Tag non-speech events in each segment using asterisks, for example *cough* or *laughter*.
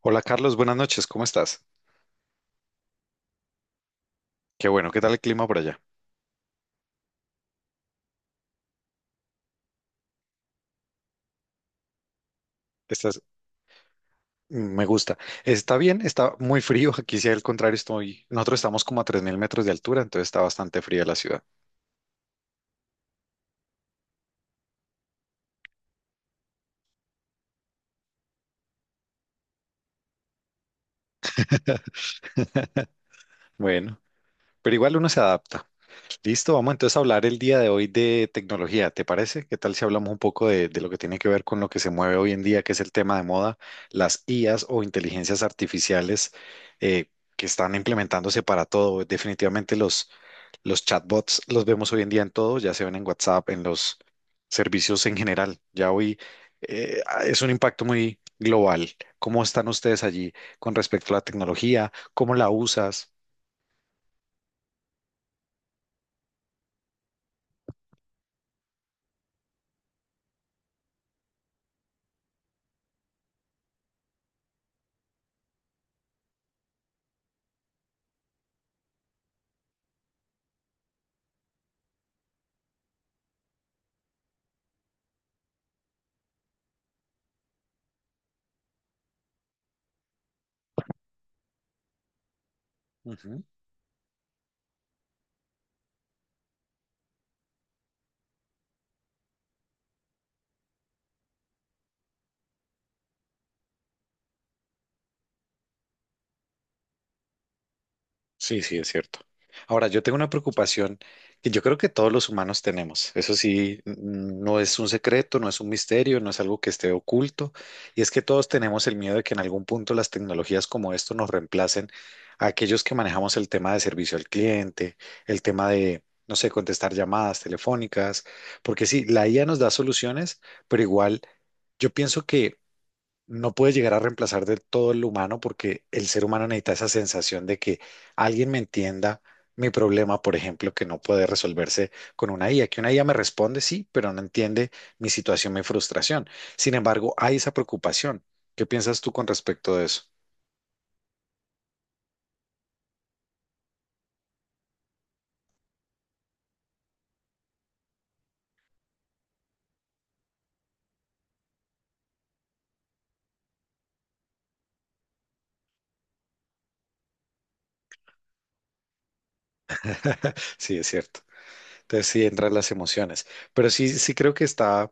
Hola Carlos, buenas noches, ¿cómo estás? Qué bueno, ¿qué tal el clima por allá? Estás, me gusta. Está bien, está muy frío. Aquí, si al contrario, estoy. Nosotros estamos como a 3.000 metros de altura, entonces está bastante fría la ciudad. Bueno. Pero igual uno se adapta. Listo, vamos entonces a hablar el día de hoy de tecnología, ¿te parece? ¿Qué tal si hablamos un poco de lo que tiene que ver con lo que se mueve hoy en día, que es el tema de moda, las IAs o inteligencias artificiales eh, que están implementándose para todo? Definitivamente los chatbots los vemos hoy en día en todo, ya se ven en WhatsApp, en los servicios en general. Ya hoy es un impacto muy global. ¿Cómo están ustedes allí con respecto a la tecnología? ¿Cómo la usas? Sí, sí, es cierto. Ahora, yo tengo una preocupación que yo creo que todos los humanos tenemos. Eso sí, no es un secreto, no es un misterio, no es algo que esté oculto. Y es que todos tenemos el miedo de que en algún punto las tecnologías como esto nos reemplacen a aquellos que manejamos el tema de servicio al cliente, el tema de, no sé, contestar llamadas telefónicas. Porque sí, la IA nos da soluciones, pero igual yo pienso que no puede llegar a reemplazar del todo el humano porque el ser humano necesita esa sensación de que alguien me entienda mi problema, por ejemplo, que no puede resolverse con una IA, que una IA me responde sí, pero no entiende mi situación, mi frustración. Sin embargo, hay esa preocupación. ¿Qué piensas tú con respecto de eso? *laughs* Sí, es cierto. Entonces sí entran las emociones, pero sí, sí creo que está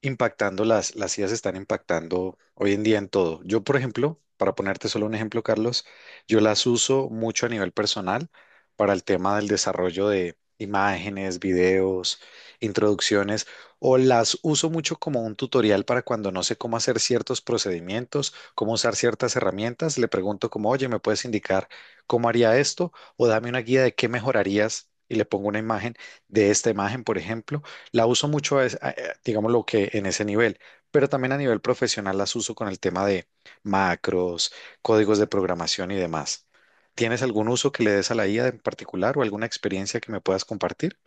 impactando, las IAs están impactando hoy en día en todo. Yo, por ejemplo, para ponerte solo un ejemplo, Carlos, yo las uso mucho a nivel personal para el tema del desarrollo de imágenes, videos, introducciones, o las uso mucho como un tutorial para cuando no sé cómo hacer ciertos procedimientos, cómo usar ciertas herramientas, le pregunto como, oye, ¿me puedes indicar cómo haría esto? O dame una guía de qué mejorarías. Y le pongo una imagen de esta imagen, por ejemplo la uso mucho, es, digamos, lo que en ese nivel, pero también a nivel profesional las uso con el tema de macros, códigos de programación y demás. ¿Tienes algún uso que le des a la IA en particular o alguna experiencia que me puedas compartir?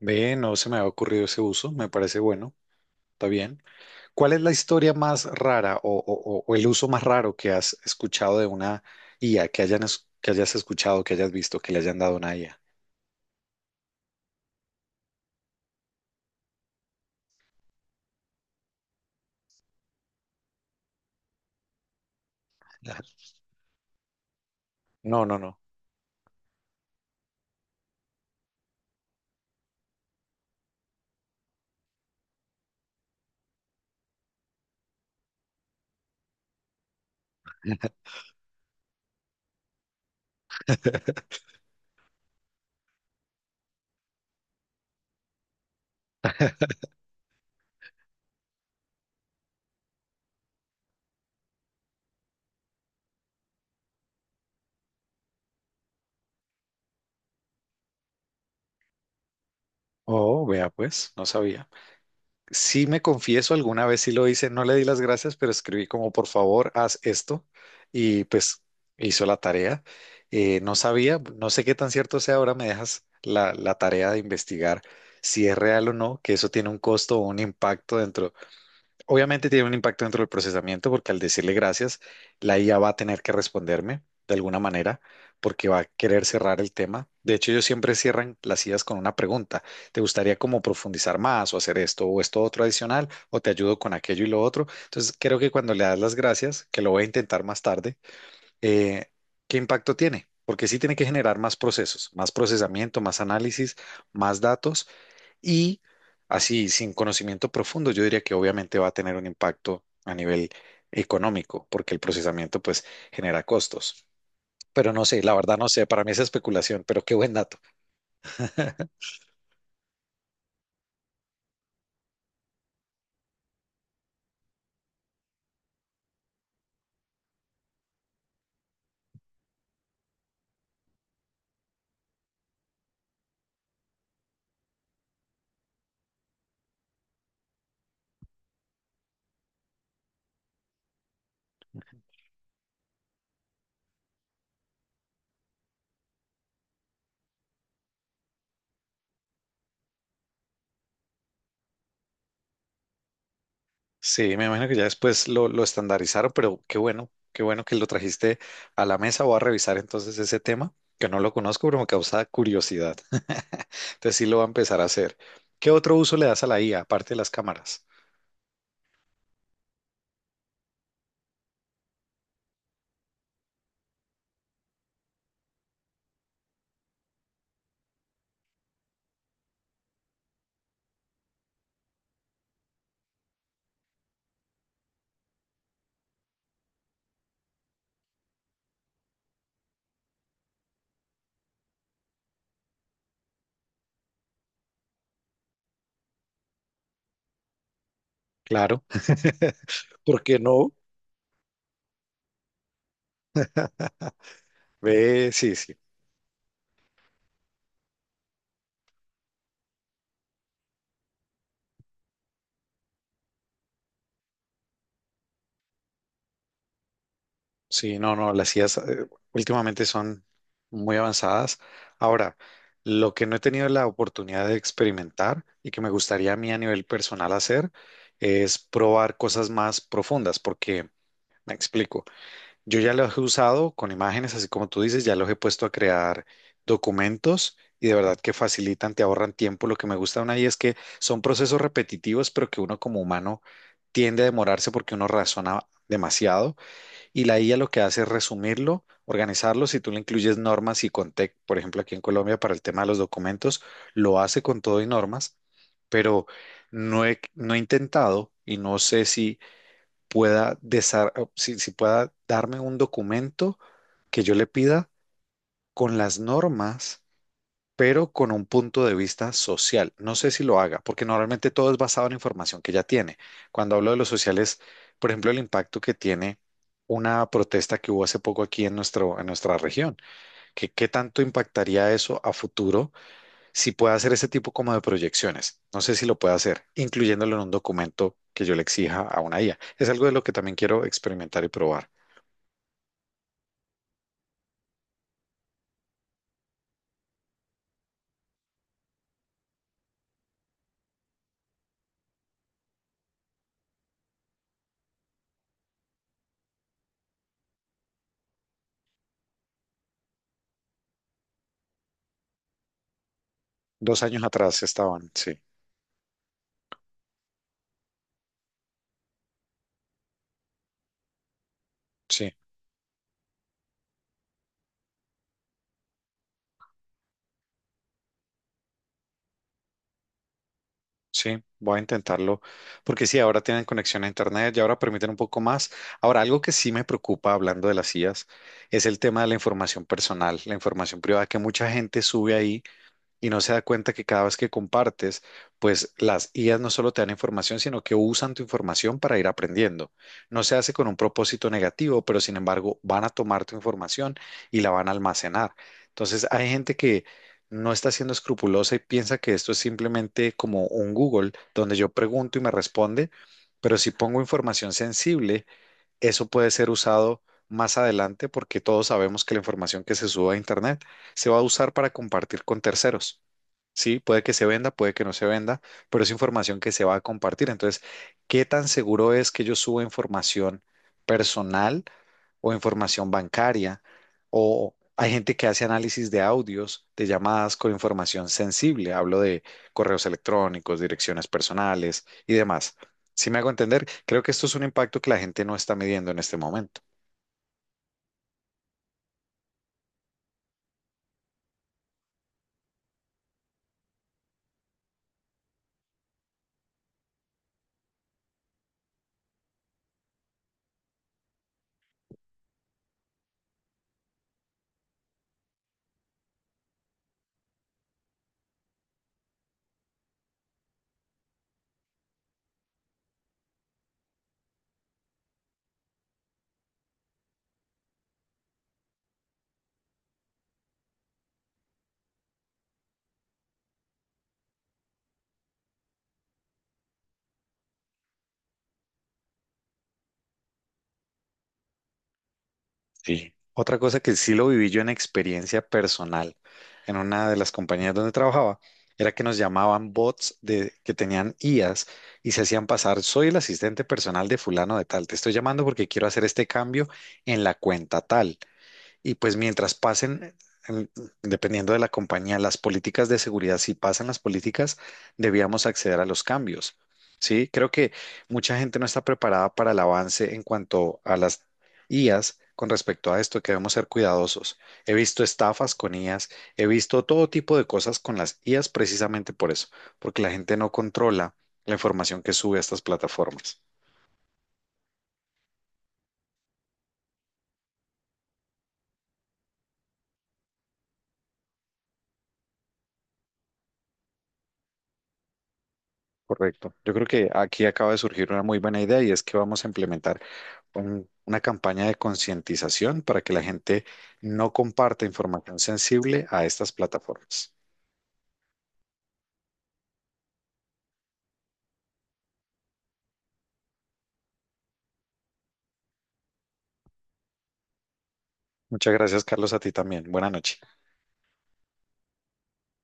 Ve, no se me ha ocurrido ese uso, me parece bueno, está bien. ¿Cuál es la historia más rara o el uso más raro que has escuchado de una IA, que hayan, que hayas escuchado, que hayas visto, que le hayan dado una IA? No, no, no. Oh, vea, pues, no sabía. Sí me confieso, alguna vez sí lo hice, no le di las gracias, pero escribí como por favor, haz esto y pues hizo la tarea. No sabía, no sé qué tan cierto sea, ahora me dejas la tarea de investigar si es real o no, que eso tiene un costo o un impacto dentro. Obviamente tiene un impacto dentro del procesamiento porque al decirle gracias, la IA va a tener que responderme de alguna manera porque va a querer cerrar el tema. De hecho, ellos siempre cierran las IAs con una pregunta. ¿Te gustaría como profundizar más o hacer esto o esto otro adicional o te ayudo con aquello y lo otro? Entonces, creo que cuando le das las gracias, que lo voy a intentar más tarde, eh, ¿qué impacto tiene? Porque sí tiene que generar más procesos, más procesamiento, más análisis, más datos y así, sin conocimiento profundo, yo diría que obviamente va a tener un impacto a nivel económico, porque el procesamiento pues genera costos. Pero no sé, la verdad no sé, para mí es especulación, pero qué buen dato. *laughs* Sí, me imagino que ya después lo estandarizaron, pero qué bueno que lo trajiste a la mesa. Voy a revisar entonces ese tema, que no lo conozco, pero me causa curiosidad. *laughs* Entonces sí lo va a empezar a hacer. ¿Qué otro uso le das a la IA, aparte de las cámaras? Claro, *laughs* ¿por qué no? Ve, sí, sí. Sí, no, no, las IAs últimamente son muy avanzadas. Ahora, lo que no he tenido la oportunidad de experimentar y que me gustaría a mí a nivel personal hacer es probar cosas más profundas, porque me explico, yo ya los he usado con imágenes, así como tú dices, ya los he puesto a crear documentos y de verdad que facilitan, te ahorran tiempo. Lo que me gusta de una IA es que son procesos repetitivos, pero que uno como humano tiende a demorarse porque uno razona demasiado y la IA lo que hace es resumirlo, organizarlo. Si tú le incluyes normas y contexto, por ejemplo, aquí en Colombia para el tema de los documentos, lo hace con todo y normas, pero no he intentado y no sé si pueda, si pueda darme un documento que yo le pida con las normas pero con un punto de vista social. No sé si lo haga, porque normalmente todo es basado en la información que ya tiene. Cuando hablo de los sociales, por ejemplo, el impacto que tiene una protesta que hubo hace poco aquí en nuestro, en nuestra región, que qué tanto impactaría eso a futuro si puede hacer ese tipo como de proyecciones. No sé si lo puede hacer, incluyéndolo en un documento que yo le exija a una IA. Es algo de lo que también quiero experimentar y probar. 2 años atrás estaban, sí, sí. Sí, voy a intentarlo, porque sí, ahora tienen conexión a Internet y ahora permiten un poco más. Ahora, algo que sí me preocupa hablando de las IAs es el tema de la información personal, la información privada que mucha gente sube ahí y no se da cuenta que cada vez que compartes, pues las IAs no solo te dan información, sino que usan tu información para ir aprendiendo. No se hace con un propósito negativo, pero sin embargo van a tomar tu información y la van a almacenar. Entonces hay gente que no está siendo escrupulosa y piensa que esto es simplemente como un Google, donde yo pregunto y me responde, pero si pongo información sensible, eso puede ser usado. Más adelante, porque todos sabemos que la información que se sube a Internet se va a usar para compartir con terceros. Sí, puede que se venda, puede que no se venda, pero es información que se va a compartir. Entonces, ¿qué tan seguro es que yo suba información personal o información bancaria? O hay gente que hace análisis de audios, de llamadas con información sensible. Hablo de correos electrónicos, direcciones personales y demás. Si me hago entender, creo que esto es un impacto que la gente no está midiendo en este momento. Sí. Otra cosa que sí lo viví yo en experiencia personal en una de las compañías donde trabajaba era que nos llamaban bots de, que tenían IAs y se hacían pasar, soy el asistente personal de fulano de tal, te estoy llamando porque quiero hacer este cambio en la cuenta tal. Y pues mientras pasen, en- dependiendo de la compañía, las políticas de seguridad, si pasan las políticas, debíamos acceder a los cambios. Sí, creo que mucha gente no está preparada para el avance en cuanto a las IAs con respecto a esto, que debemos ser cuidadosos. He visto estafas con IAs, he visto todo tipo de cosas con las IAs precisamente por eso, porque la gente no controla la información que sube a estas plataformas. Correcto. Yo creo que aquí acaba de surgir una muy buena idea y es que vamos a implementar una campaña de concientización para que la gente no comparta información sensible a estas plataformas. Muchas gracias, Carlos, a ti también. Buenas noches.